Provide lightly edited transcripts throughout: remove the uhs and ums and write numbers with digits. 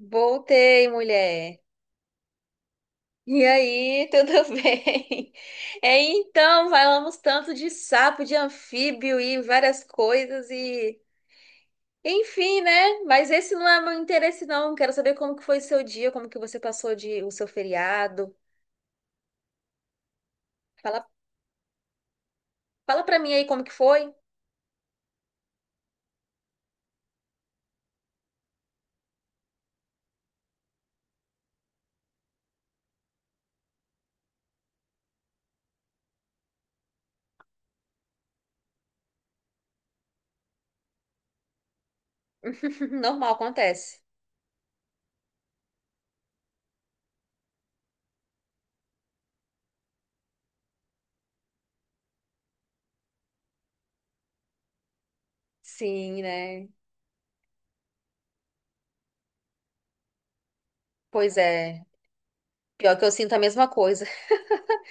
Voltei, mulher. E aí, tudo bem? É, então, falamos tanto de sapo, de anfíbio e várias coisas e. Enfim, né? Mas esse não é meu interesse, não. Quero saber como que foi seu dia, como que você passou o seu feriado. Fala, fala pra mim aí como que foi. Normal, acontece. Sim, né? Pois é. Pior que eu sinto a mesma coisa.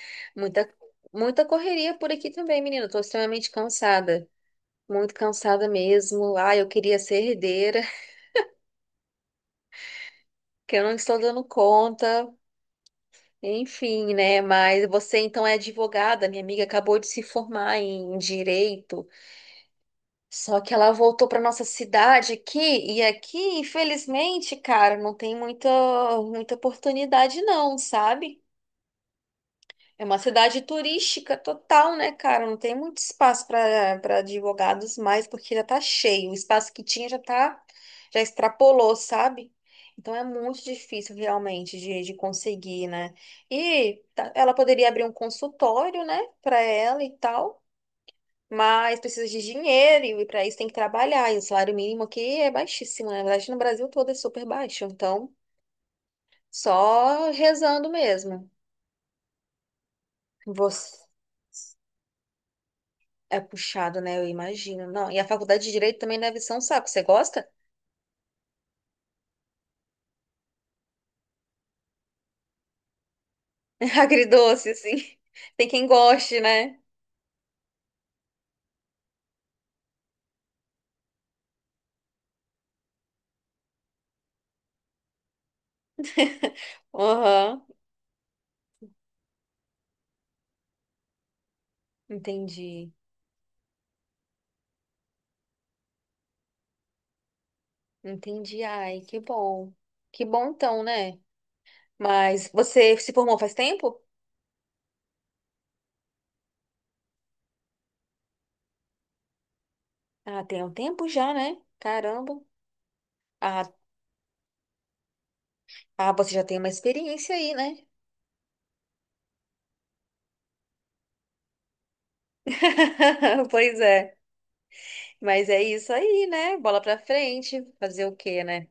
Muita, muita correria por aqui também, menina. Eu tô extremamente cansada. Muito cansada mesmo. Ah, eu queria ser herdeira, que eu não estou dando conta. Enfim, né? Mas você então é advogada. Minha amiga acabou de se formar em direito, só que ela voltou para nossa cidade aqui e aqui, infelizmente, cara, não tem muita muita oportunidade não, sabe? É uma cidade turística total, né, cara? Não tem muito espaço para advogados mais, porque já tá cheio. O espaço que tinha já tá, já extrapolou, sabe? Então é muito difícil realmente de conseguir, né? Ela poderia abrir um consultório, né, para ela e tal, mas precisa de dinheiro e para isso tem que trabalhar. E o salário mínimo aqui é baixíssimo, né? Na verdade, no Brasil todo é super baixo. Então, só rezando mesmo. Você. É puxado, né? Eu imagino. Não, e a faculdade de Direito também deve ser um saco. Você gosta? Agridoce, assim. Tem quem goste, né? Aham. Entendi. Entendi. Ai, que bom. Que bom então, né? Mas você se formou faz tempo? Ah, tem um tempo já, né? Caramba. Ah, Você já tem uma experiência aí, né? Pois é. Mas é isso aí, né? Bola pra frente. Fazer o quê, né?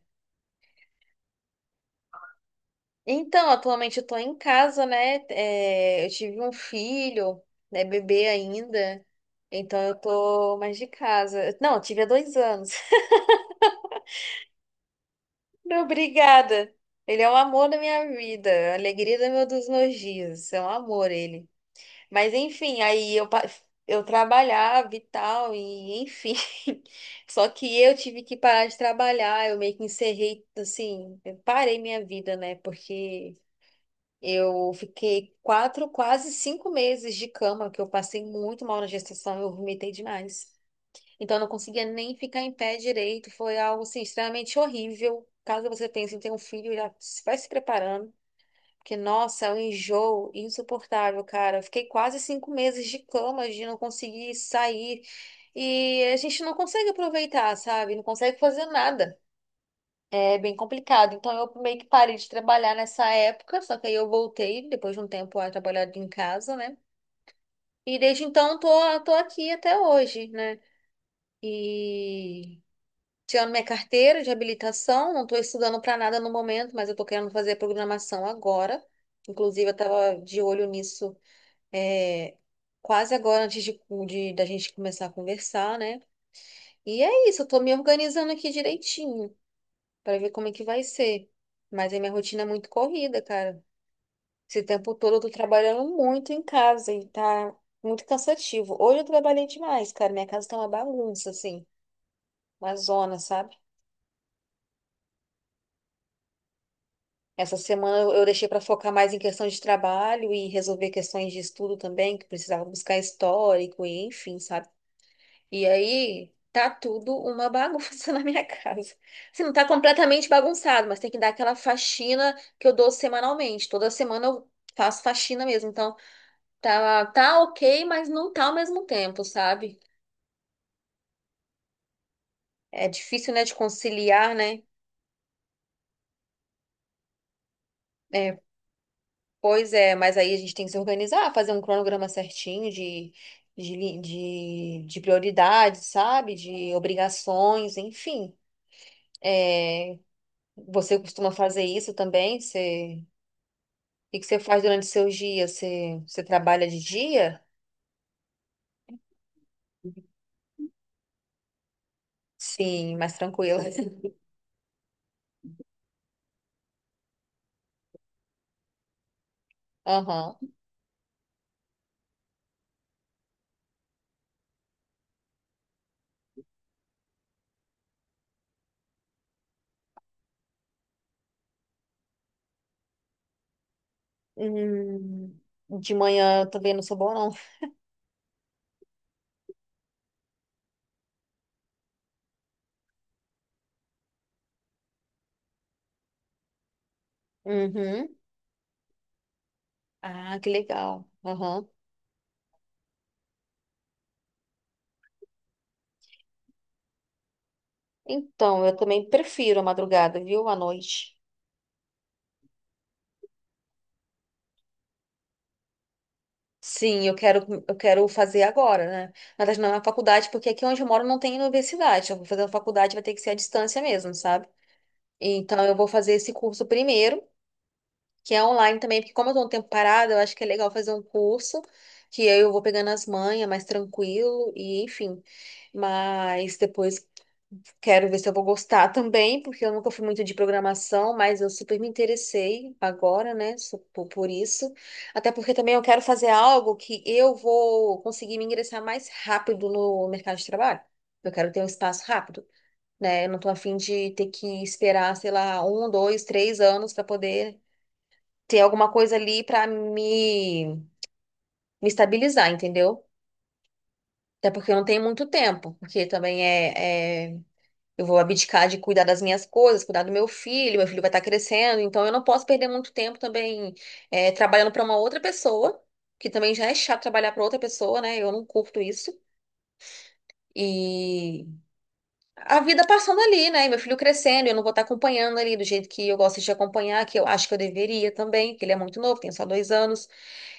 Então, atualmente eu tô em casa, né? É, eu tive um filho, né? Bebê ainda. Então eu tô mais de casa. Não, eu tive há 2 anos. Obrigada. Ele é o amor da minha vida, a alegria do meu, dos meus dias. É um amor ele. Mas enfim, aí eu, eu trabalhava e tal, e enfim. Só que eu tive que parar de trabalhar, eu meio que encerrei, assim, eu parei minha vida, né? Porque. Eu fiquei 4, quase 5 meses de cama, que eu passei muito mal na gestação, eu vomitei demais. Então, eu não conseguia nem ficar em pé direito, foi algo assim, extremamente horrível. Caso você pense em ter um filho, já se- vai se preparando, porque, nossa, é um enjoo insuportável, cara. Eu fiquei quase 5 meses de cama, de não conseguir sair, e a gente não consegue aproveitar, sabe? Não consegue fazer nada. É bem complicado. Então eu meio que parei de trabalhar nessa época, só que aí eu voltei depois de um tempo a trabalhar em casa, né? E desde então tô aqui até hoje, né? E tirando minha carteira de habilitação, não tô estudando para nada no momento, mas eu tô querendo fazer programação agora. Inclusive, eu tava de olho nisso é, quase agora antes de da gente começar a conversar, né? E é isso, eu tô me organizando aqui direitinho para ver como é que vai ser. Mas a minha rotina é muito corrida, cara. Esse tempo todo eu tô trabalhando muito em casa e tá muito cansativo. Hoje eu trabalhei demais, cara. Minha casa tá uma bagunça, assim, uma zona, sabe? Essa semana eu deixei para focar mais em questão de trabalho e resolver questões de estudo também, que precisava buscar histórico e enfim, sabe? E aí tá tudo uma bagunça na minha casa. Assim, não tá completamente bagunçado, mas tem que dar aquela faxina que eu dou semanalmente. Toda semana eu faço faxina mesmo. Então tá, tá ok, mas não tá ao mesmo tempo, sabe? É difícil, né, de conciliar, né? É, pois é, mas aí a gente tem que se organizar, fazer um cronograma certinho de prioridades, sabe? De obrigações, enfim. É, você costuma fazer isso também? Você. Que você faz durante seus dias? Você trabalha de dia? Sim, mais tranquila. Aham. Hum, de manhã eu também não sou boa, não. Uhum. Ah, que legal. Aham. Então, eu também prefiro a madrugada, viu? À noite. Sim, eu quero fazer agora, né? Na verdade, não é na faculdade, porque aqui onde eu moro não tem universidade. Eu vou fazer a faculdade, vai ter que ser à distância mesmo, sabe? Então, eu vou fazer esse curso primeiro, que é online também, porque como eu tô um tempo parada, eu acho que é legal fazer um curso, que aí eu vou pegando as manhas mais tranquilo, e enfim. Mas depois quero ver se eu vou gostar também, porque eu nunca fui muito de programação, mas eu super me interessei agora, né, por isso. Até porque também eu quero fazer algo que eu vou conseguir me ingressar mais rápido no mercado de trabalho. Eu quero ter um espaço rápido. Né? Eu não tô afim de ter que esperar, sei lá, 1, 2, 3 anos para poder ter alguma coisa ali pra me estabilizar, entendeu? Até porque eu não tenho muito tempo, porque também eu vou abdicar de cuidar das minhas coisas, cuidar do meu filho vai estar crescendo, então eu não posso perder muito tempo também trabalhando pra uma outra pessoa, que também já é chato trabalhar pra outra pessoa, né? Eu não curto isso. E a vida passando ali, né? E meu filho crescendo, eu não vou estar acompanhando ali do jeito que eu gosto de acompanhar, que eu acho que eu deveria também, que ele é muito novo, tem só 2 anos.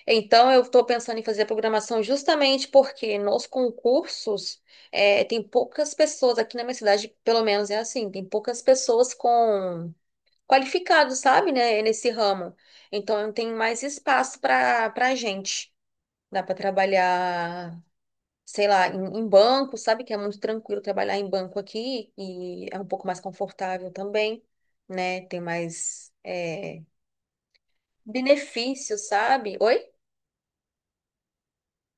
Então, eu estou pensando em fazer a programação justamente porque nos concursos tem poucas pessoas, aqui na minha cidade, pelo menos é assim, tem poucas pessoas com qualificados, sabe, né, nesse ramo. Então, não tem mais espaço para gente. Dá para trabalhar, sei lá, em banco, sabe, que é muito tranquilo trabalhar em banco aqui e é um pouco mais confortável também, né, tem mais benefícios, sabe? Oi?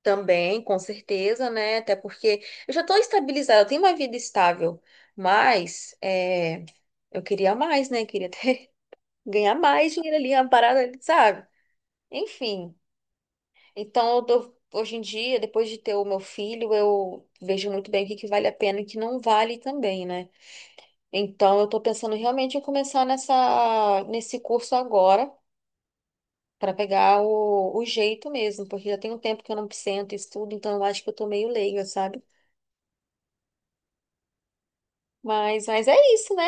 Também, com certeza, né? Até porque eu já estou estabilizada, eu tenho uma vida estável, mas eu queria mais, né? Queria ter, ganhar mais dinheiro ali, uma parada, ali, sabe? Enfim, então hoje em dia, depois de ter o meu filho, eu vejo muito bem o que que vale a pena e o que não vale também, né? Então eu estou pensando realmente em começar nessa, nesse curso agora. Para pegar o jeito mesmo, porque já tem um tempo que eu não sento e estudo, então eu acho que eu tô meio leiga, sabe? Mas é isso, né?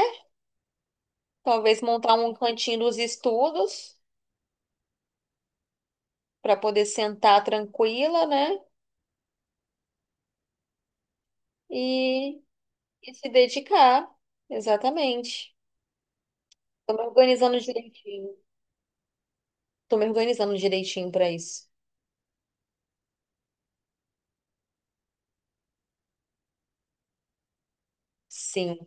Talvez montar um cantinho dos estudos para poder sentar tranquila, né? E, e se dedicar. Exatamente. Tô me organizando direitinho. Tô me organizando direitinho para isso. Sim,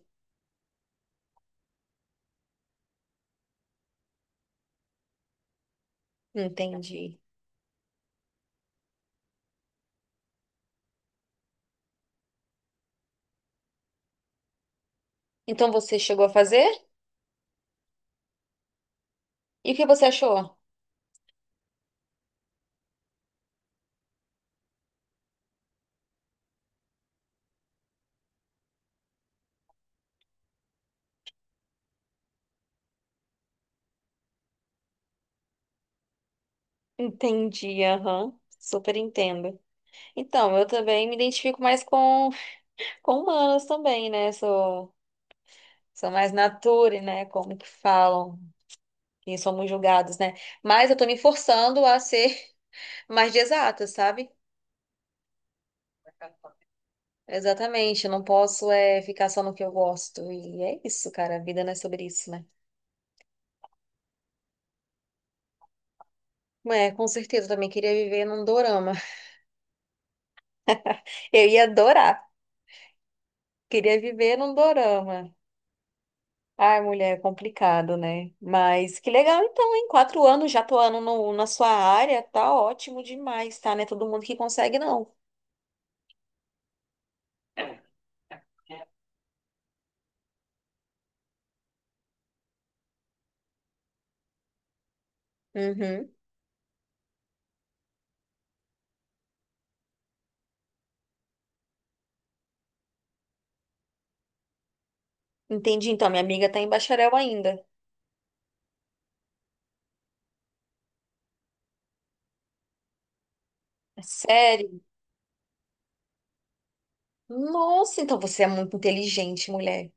entendi. Então você chegou a fazer? E o que você achou? Entendi, aham. Super entendo. Então, eu também me identifico mais com humanos também, né? Sou mais nature, né? Como que falam. Quem somos julgados, né? Mas eu tô me forçando a ser mais de exata, sabe? Exatamente, eu não posso ficar só no que eu gosto. E é isso, cara, a vida não é sobre isso, né? É, com certeza, eu também queria viver num dorama. Eu ia adorar, queria viver num dorama. Ai, mulher, é complicado, né? Mas que legal, então, em 4 anos já atuando no, na sua área, tá ótimo demais, tá? Não é todo mundo que consegue, não. Uhum. Entendi, então, minha amiga tá em bacharel ainda. É sério? Nossa, então você é muito inteligente, mulher.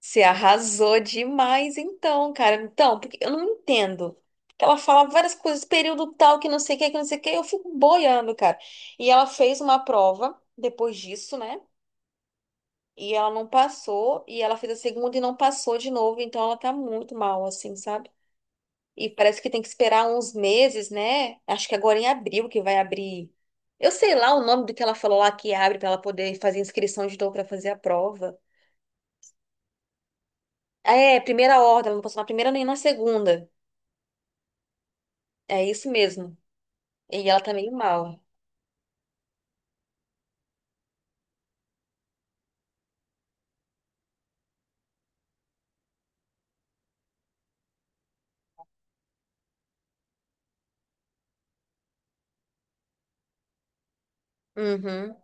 Você arrasou demais, então, cara. Então, porque eu não entendo. Ela fala várias coisas, período tal, que não sei o que, que não sei o que, eu fico boiando, cara. E ela fez uma prova depois disso, né? E ela não passou, e ela fez a segunda e não passou de novo, então ela tá muito mal, assim, sabe? E parece que tem que esperar uns meses, né? Acho que agora em abril que vai abrir. Eu sei lá o nome do que ela falou lá que abre pra ela poder fazer inscrição de novo pra fazer a prova. É, primeira ordem, ela não passou na primeira nem na segunda. É isso mesmo. E ela tá meio mal. Uhum.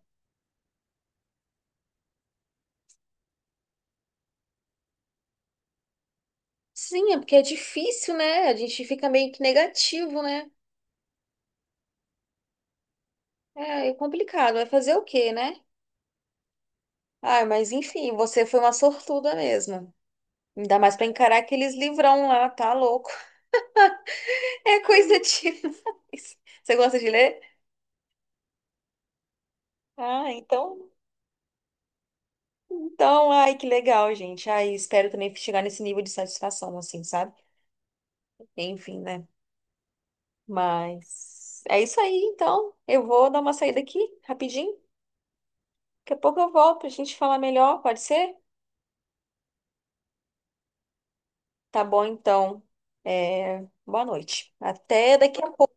Sim, é porque é difícil, né? A gente fica meio que negativo, né? É, complicado. Vai fazer o quê, né? Ah, mas enfim, você foi uma sortuda mesmo. Ainda mais pra encarar aqueles livrão lá, tá louco? É coisa demais. Você gosta de ler? Ah, então. Então, ai, que legal, gente. Ai, espero também chegar nesse nível de satisfação, assim, sabe? Enfim, né? Mas é isso aí, então. Eu vou dar uma saída aqui, rapidinho. Daqui a pouco eu volto pra gente falar melhor, pode ser? Tá bom, então. É, boa noite. Até daqui a pouco.